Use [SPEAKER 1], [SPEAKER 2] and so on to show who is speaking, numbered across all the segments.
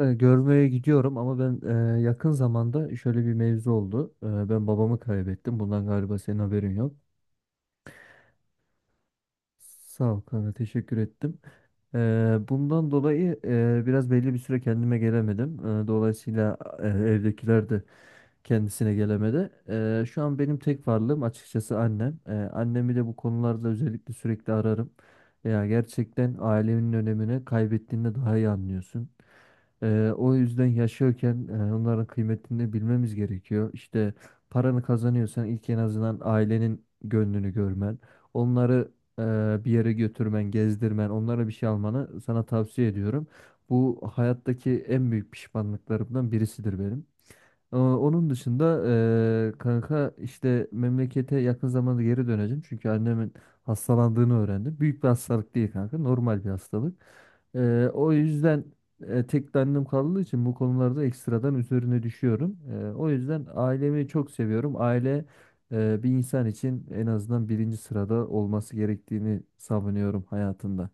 [SPEAKER 1] Görmeye gidiyorum ama ben yakın zamanda şöyle bir mevzu oldu. Ben babamı kaybettim. Bundan galiba senin haberin yok. Sağ ol kanka, teşekkür ettim. Bundan dolayı biraz belli bir süre kendime gelemedim. Dolayısıyla evdekiler de kendisine gelemedi. Şu an benim tek varlığım açıkçası annem. Annemi de bu konularda özellikle sürekli ararım. Ya gerçekten ailenin önemini kaybettiğinde daha iyi anlıyorsun. O yüzden yaşıyorken onların kıymetini bilmemiz gerekiyor. İşte paranı kazanıyorsan ilk en azından ailenin gönlünü görmen. Onları bir yere götürmen, gezdirmen, onlara bir şey almanı sana tavsiye ediyorum. Bu hayattaki en büyük pişmanlıklarımdan birisidir benim. Onun dışında kanka işte memlekete yakın zamanda geri döneceğim. Çünkü annemin hastalandığını öğrendim. Büyük bir hastalık değil kanka. Normal bir hastalık. O yüzden tek de annem kaldığı için bu konularda ekstradan üzerine düşüyorum. O yüzden ailemi çok seviyorum. Aile bir insan için en azından birinci sırada olması gerektiğini savunuyorum hayatında.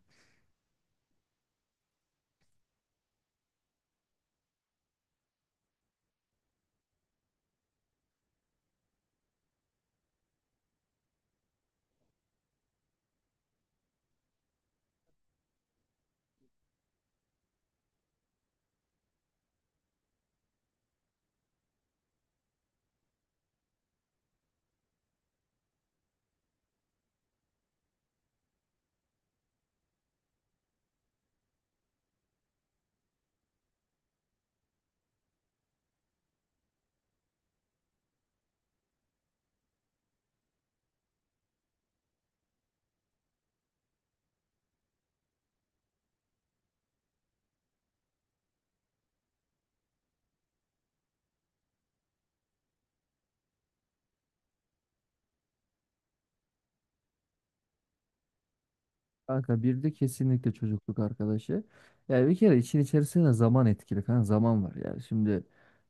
[SPEAKER 1] Kanka bir de kesinlikle çocukluk arkadaşı. Yani bir kere için içerisinde zaman etkili kanka, zaman var. Yani şimdi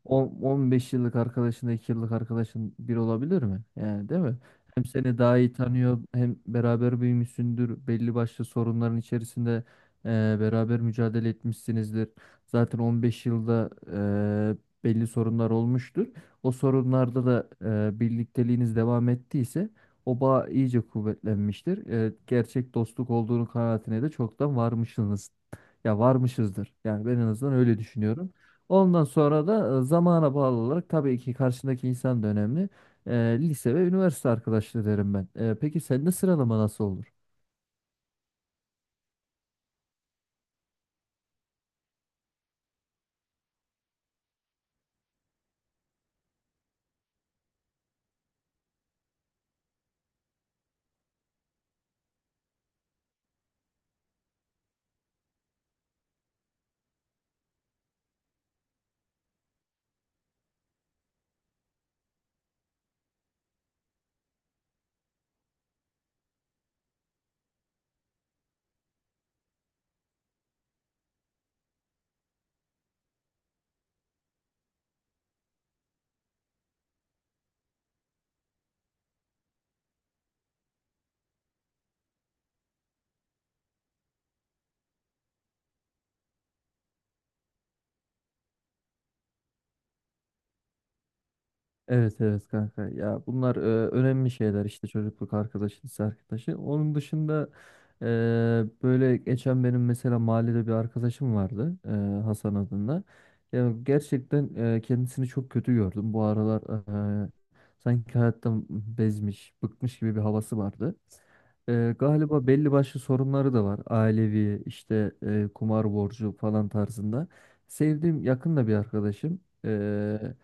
[SPEAKER 1] 10, 15 yıllık arkadaşınla 2 yıllık arkadaşın bir olabilir mi? Yani, değil mi? Hem seni daha iyi tanıyor hem beraber büyümüşsündür. Belli başlı sorunların içerisinde beraber mücadele etmişsinizdir. Zaten 15 yılda belli sorunlar olmuştur. O sorunlarda da birlikteliğiniz devam ettiyse o bağ iyice kuvvetlenmiştir. Gerçek dostluk olduğunu kanaatine de çoktan varmışsınız. Ya varmışızdır. Yani ben en azından öyle düşünüyorum. Ondan sonra da zamana bağlı olarak tabii ki karşındaki insan da önemli. E, Lise ve üniversite arkadaşlığı derim ben. Peki sende sıralama nasıl olur? Evet, evet kanka, ya bunlar önemli şeyler işte. Çocukluk arkadaşı, lise arkadaşı, onun dışında e, böyle geçen benim mesela mahallede bir arkadaşım vardı, Hasan adında. Ya gerçekten kendisini çok kötü gördüm bu aralar. e, Sanki hayattan bezmiş bıkmış gibi bir havası vardı. Galiba belli başlı sorunları da var ailevi, işte kumar borcu falan tarzında. Sevdiğim yakın da bir arkadaşım. E,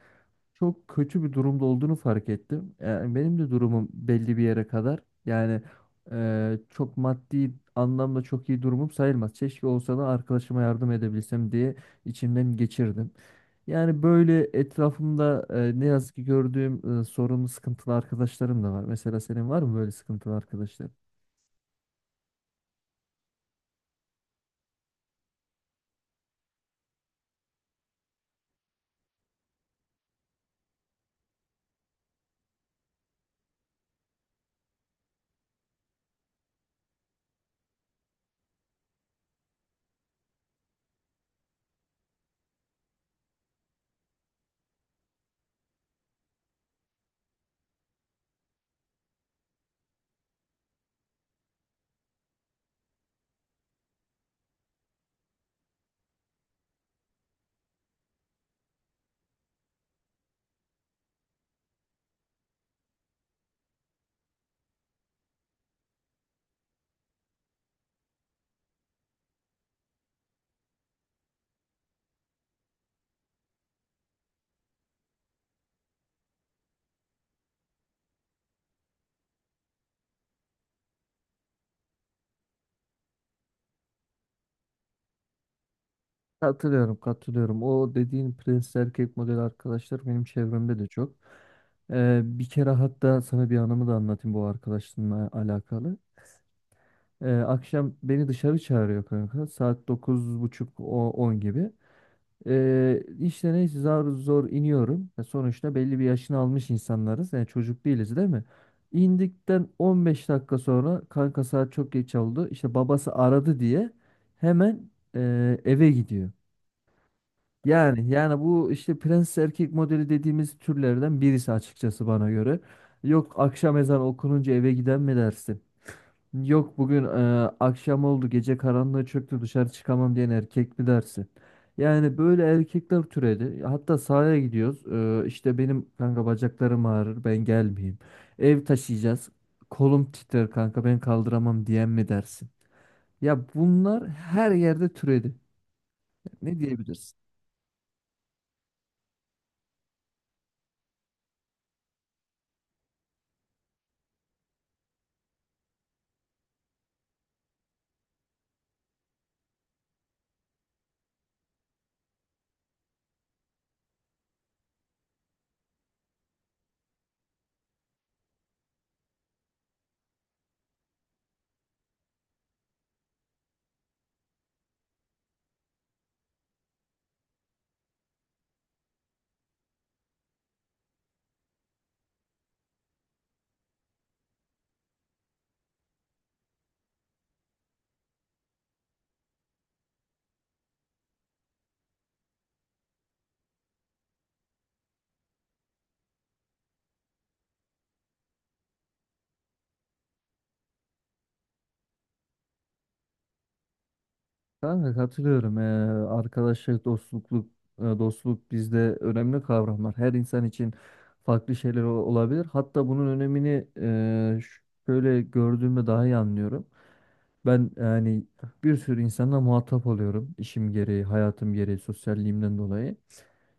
[SPEAKER 1] Çok kötü bir durumda olduğunu fark ettim. Yani benim de durumum belli bir yere kadar. Yani çok maddi anlamda çok iyi durumum sayılmaz. Keşke olsa da arkadaşıma yardım edebilsem diye içimden geçirdim. Yani böyle etrafımda, ne yazık ki, gördüğüm sorunlu sıkıntılı arkadaşlarım da var. Mesela senin var mı böyle sıkıntılı arkadaşların? Katılıyorum, katılıyorum. O dediğin prensli erkek model arkadaşlar benim çevremde de çok. Bir kere hatta sana bir anımı da anlatayım bu arkadaşımla alakalı. Akşam beni dışarı çağırıyor kanka. Saat 9.30 o 10 gibi. İşte neyse zar zor iniyorum. Ya sonuçta belli bir yaşını almış insanlarız. Yani çocuk değiliz, değil mi? İndikten 15 dakika sonra kanka, saat çok geç oldu İşte babası aradı diye hemen eve gidiyor. Yani bu işte prens erkek modeli dediğimiz türlerden birisi açıkçası bana göre. Yok akşam ezan okununca eve giden mi dersin? Yok bugün akşam oldu, gece karanlığı çöktü, dışarı çıkamam diyen erkek mi dersin? Yani böyle erkekler türedi. Hatta sahaya gidiyoruz. İşte benim kanka bacaklarım ağrır, ben gelmeyeyim. Ev taşıyacağız. Kolum titrer kanka, ben kaldıramam diyen mi dersin? Ya bunlar her yerde türedi. Ne diyebilirsin? Kanka katılıyorum. Arkadaşlık, dostluk, dostluk bizde önemli kavramlar. Her insan için farklı şeyler olabilir. Hatta bunun önemini şöyle gördüğümde daha iyi anlıyorum. Ben bir sürü insanla muhatap oluyorum. İşim gereği, hayatım gereği, sosyalliğimden dolayı.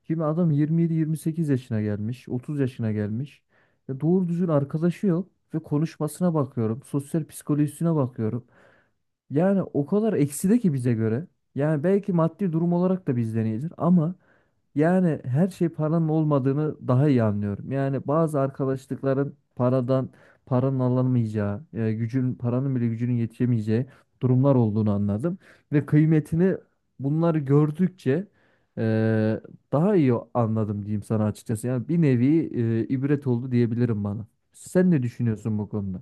[SPEAKER 1] Şimdi adam 27-28 yaşına gelmiş, 30 yaşına gelmiş. Ya doğru düzgün arkadaşı yok ve konuşmasına bakıyorum, sosyal psikolojisine bakıyorum. Yani o kadar ekside ki bize göre. Yani belki maddi durum olarak da bizden iyidir ama yani her şey paranın olmadığını daha iyi anlıyorum. Yani bazı arkadaşlıkların paranın alınmayacağı, gücün, paranın bile gücünün yetişemeyeceği durumlar olduğunu anladım ve kıymetini, bunları gördükçe, e, daha iyi anladım diyeyim sana açıkçası. Yani bir nevi ibret oldu diyebilirim bana. Sen ne düşünüyorsun bu konuda?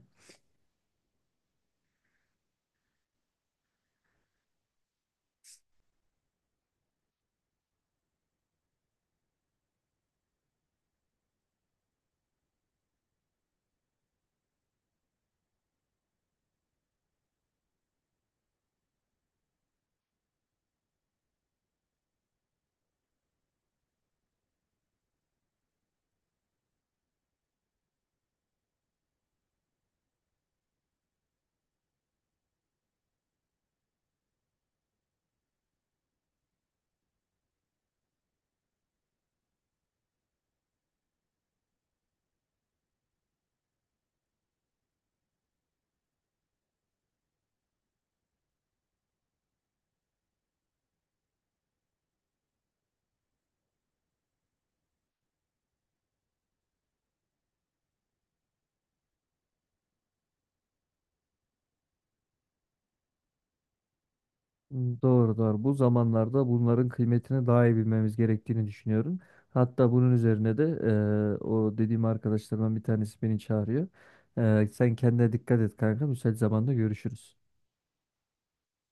[SPEAKER 1] Doğru, doğru. Bu zamanlarda bunların kıymetini daha iyi bilmemiz gerektiğini düşünüyorum. Hatta bunun üzerine de o dediğim arkadaşlarımdan bir tanesi beni çağırıyor. Sen kendine dikkat et kanka. Müsait zamanda görüşürüz.